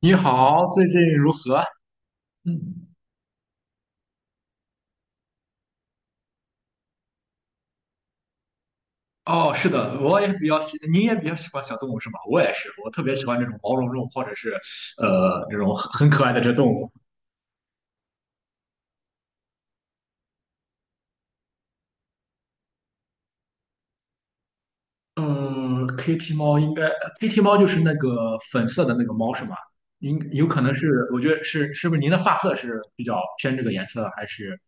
你好，最近如何？嗯，哦，是的，我也比较喜，您也比较喜欢小动物是吗？我也是，我特别喜欢这种毛茸茸或者是这种很可爱的这动物。嗯 k i t t y 猫应该，Kitty 猫就是那个粉色的那个猫是吗？应有可能是，我觉得是，是不是您的发色是比较偏这个颜色，还是？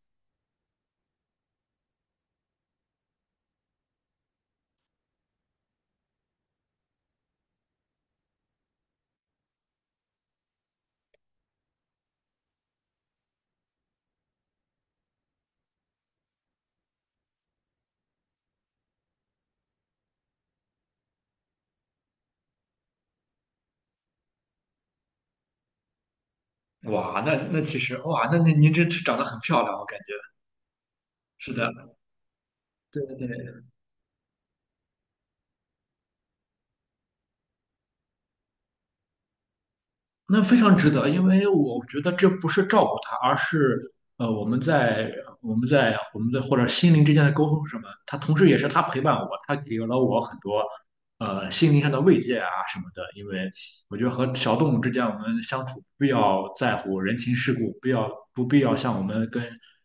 哇，那其实哇，那您这长得很漂亮，我感觉是的，对对对，那非常值得，因为我觉得这不是照顾他，而是呃我们在我们的或者心灵之间的沟通是什么？他同时也是他陪伴我，他给了我很多心灵上的慰藉啊什么的。因为我觉得和小动物之间我们相处不要在乎人情世故，不要不必要像我们跟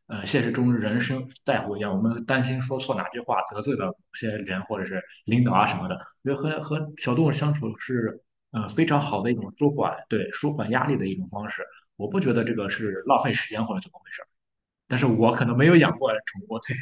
现实中人生在乎一样，我们担心说错哪句话得罪了某些人或者是领导啊什么的。我觉得和小动物相处是非常好的一种舒缓，对，舒缓压力的一种方式。我不觉得这个是浪费时间或者怎么回事儿，但是我可能没有养过宠物，对，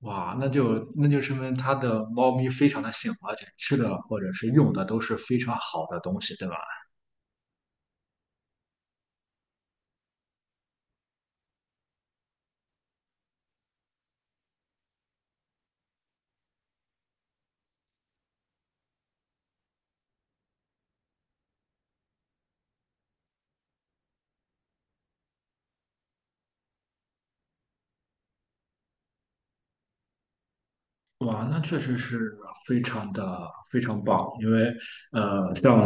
哇，那就说明它的猫咪非常的幸福，而且吃的或者是用的都是非常好的东西，对吧？哇，那确实是非常的非常棒，因为像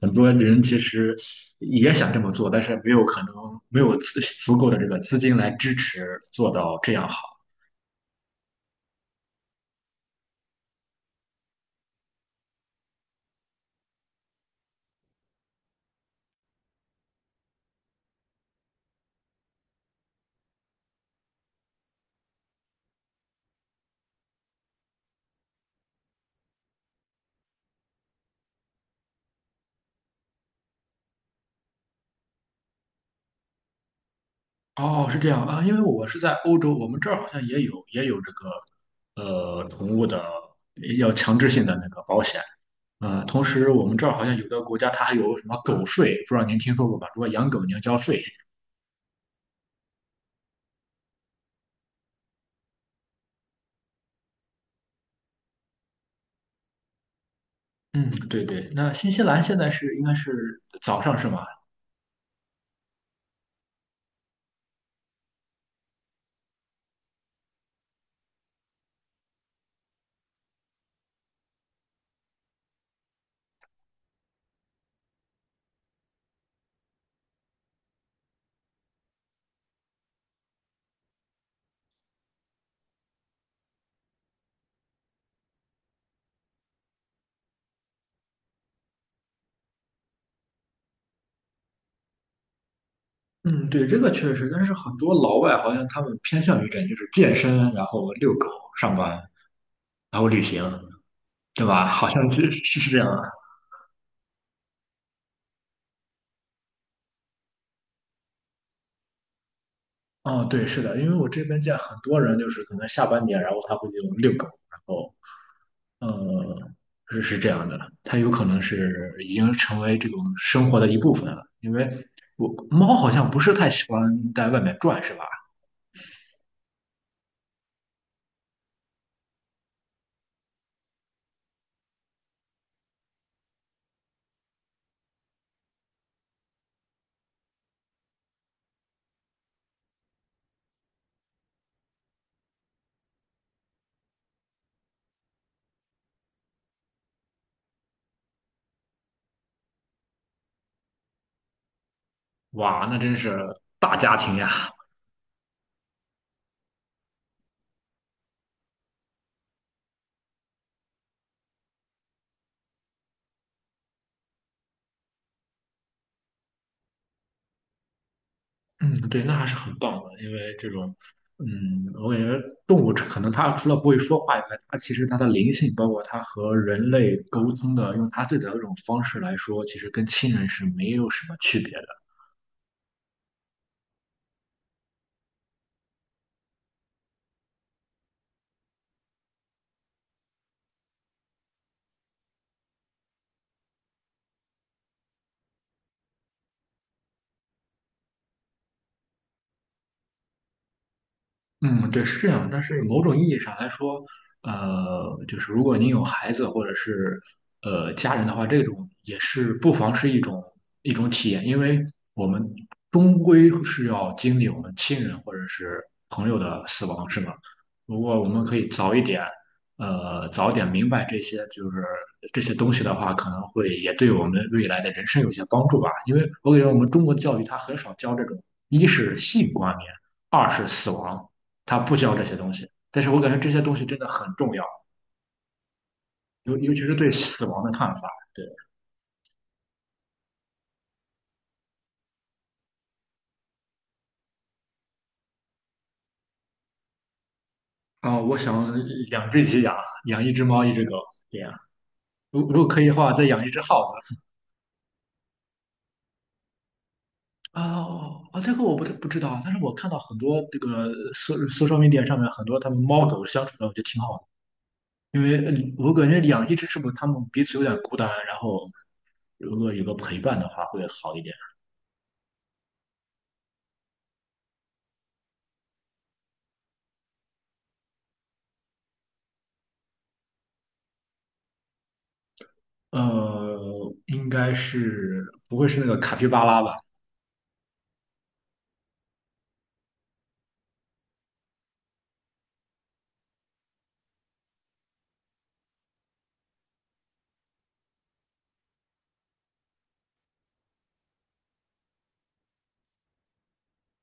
很多人其实也想这么做，但是没有可能没有足够的这个资金来支持做到这样好。哦，是这样啊，因为我是在欧洲，我们这儿好像也有这个宠物的要强制性的那个保险。同时我们这儿好像有的国家它还有什么狗税，不知道您听说过吧？如果养狗你要交税。嗯，对对。那新西兰现在是应该是早上是吗？嗯，对，这个确实，但是很多老外好像他们偏向于这，样，就是健身，然后遛狗、上班，然后旅行，对吧？好像是是是这样。啊。哦，对，是的，因为我这边见很多人，就是可能下半年，然后他会就遛狗，然后呃，是是这样的，它有可能是已经成为这种生活的一部分了。因为我猫好像不是太喜欢在外面转，是吧？哇，那真是大家庭呀！嗯，对，那还是很棒的，因为这种，嗯，我感觉动物可能它除了不会说话以外，它其实它的灵性，包括它和人类沟通的，用它自己的这种方式来说，其实跟亲人是没有什么区别的。嗯，对，是这样。但是某种意义上来说，就是如果您有孩子或者是家人的话，这种也是不妨是一种体验，因为我们终归是要经历我们亲人或者是朋友的死亡，是吗？如果我们可以早一点，早点明白这些就是这些东西的话，可能会也对我们未来的人生有些帮助吧。因为我感觉我们中国的教育它很少教这种，一是性观念，二是死亡。他不教这些东西。但是我感觉这些东西真的很重要，尤其是对死亡的看法。对啊，我想两只鸡养，养一只猫，一只狗，这样。如果可以的话，再养一只耗子。啊哦啊，这个我不知道啊，但是我看到很多这个 social media 上面很多他们猫狗相处的，我觉得挺好的。因为我感觉养一只是不是他们彼此有点孤单，然后如果有个陪伴的话会好一点。应该是不会是那个卡皮巴拉吧？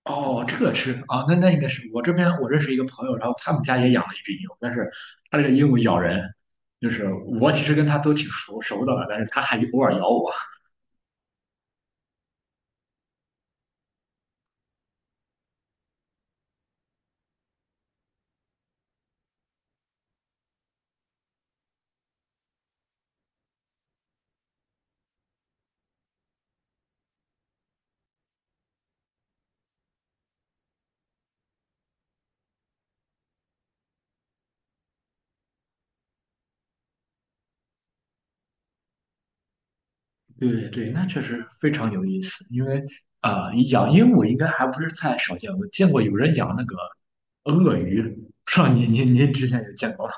哦，这个吃啊，那应该是我这边我认识一个朋友，然后他们家也养了一只鹦鹉，但是他这个鹦鹉咬人，就是我其实跟他都挺熟熟的了，但是他还偶尔咬我。对对，那确实非常有意思，因为养鹦鹉应该还不是太少见，我见过有人养那个鳄鱼，不知道您之前有见过吗？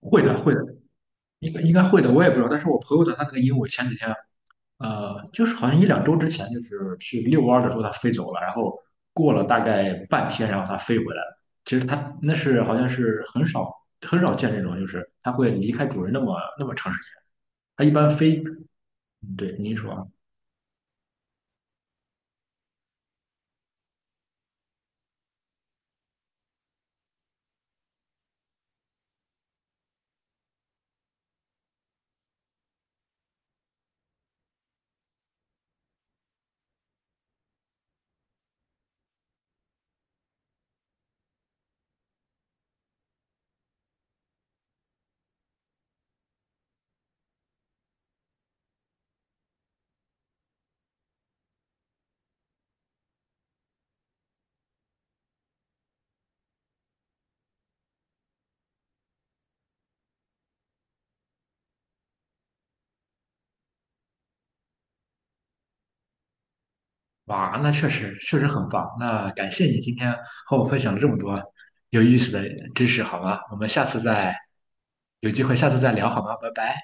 会的会的，应该应该会的，我也不知道，但是我朋友的他那个鹦鹉前几天就是好像一两周之前，就是去遛弯儿的时候它飞走了，然后过了大概半天，然后它飞回来了。其实它那是好像是很少很少见这种，就是它会离开主人那么那么长时间。它一般飞，嗯对，您说，哇，那确实确实很棒。那感谢你今天和我分享了这么多有意思的知识，好吗？我们下次再有机会，下次再聊好吗？拜拜。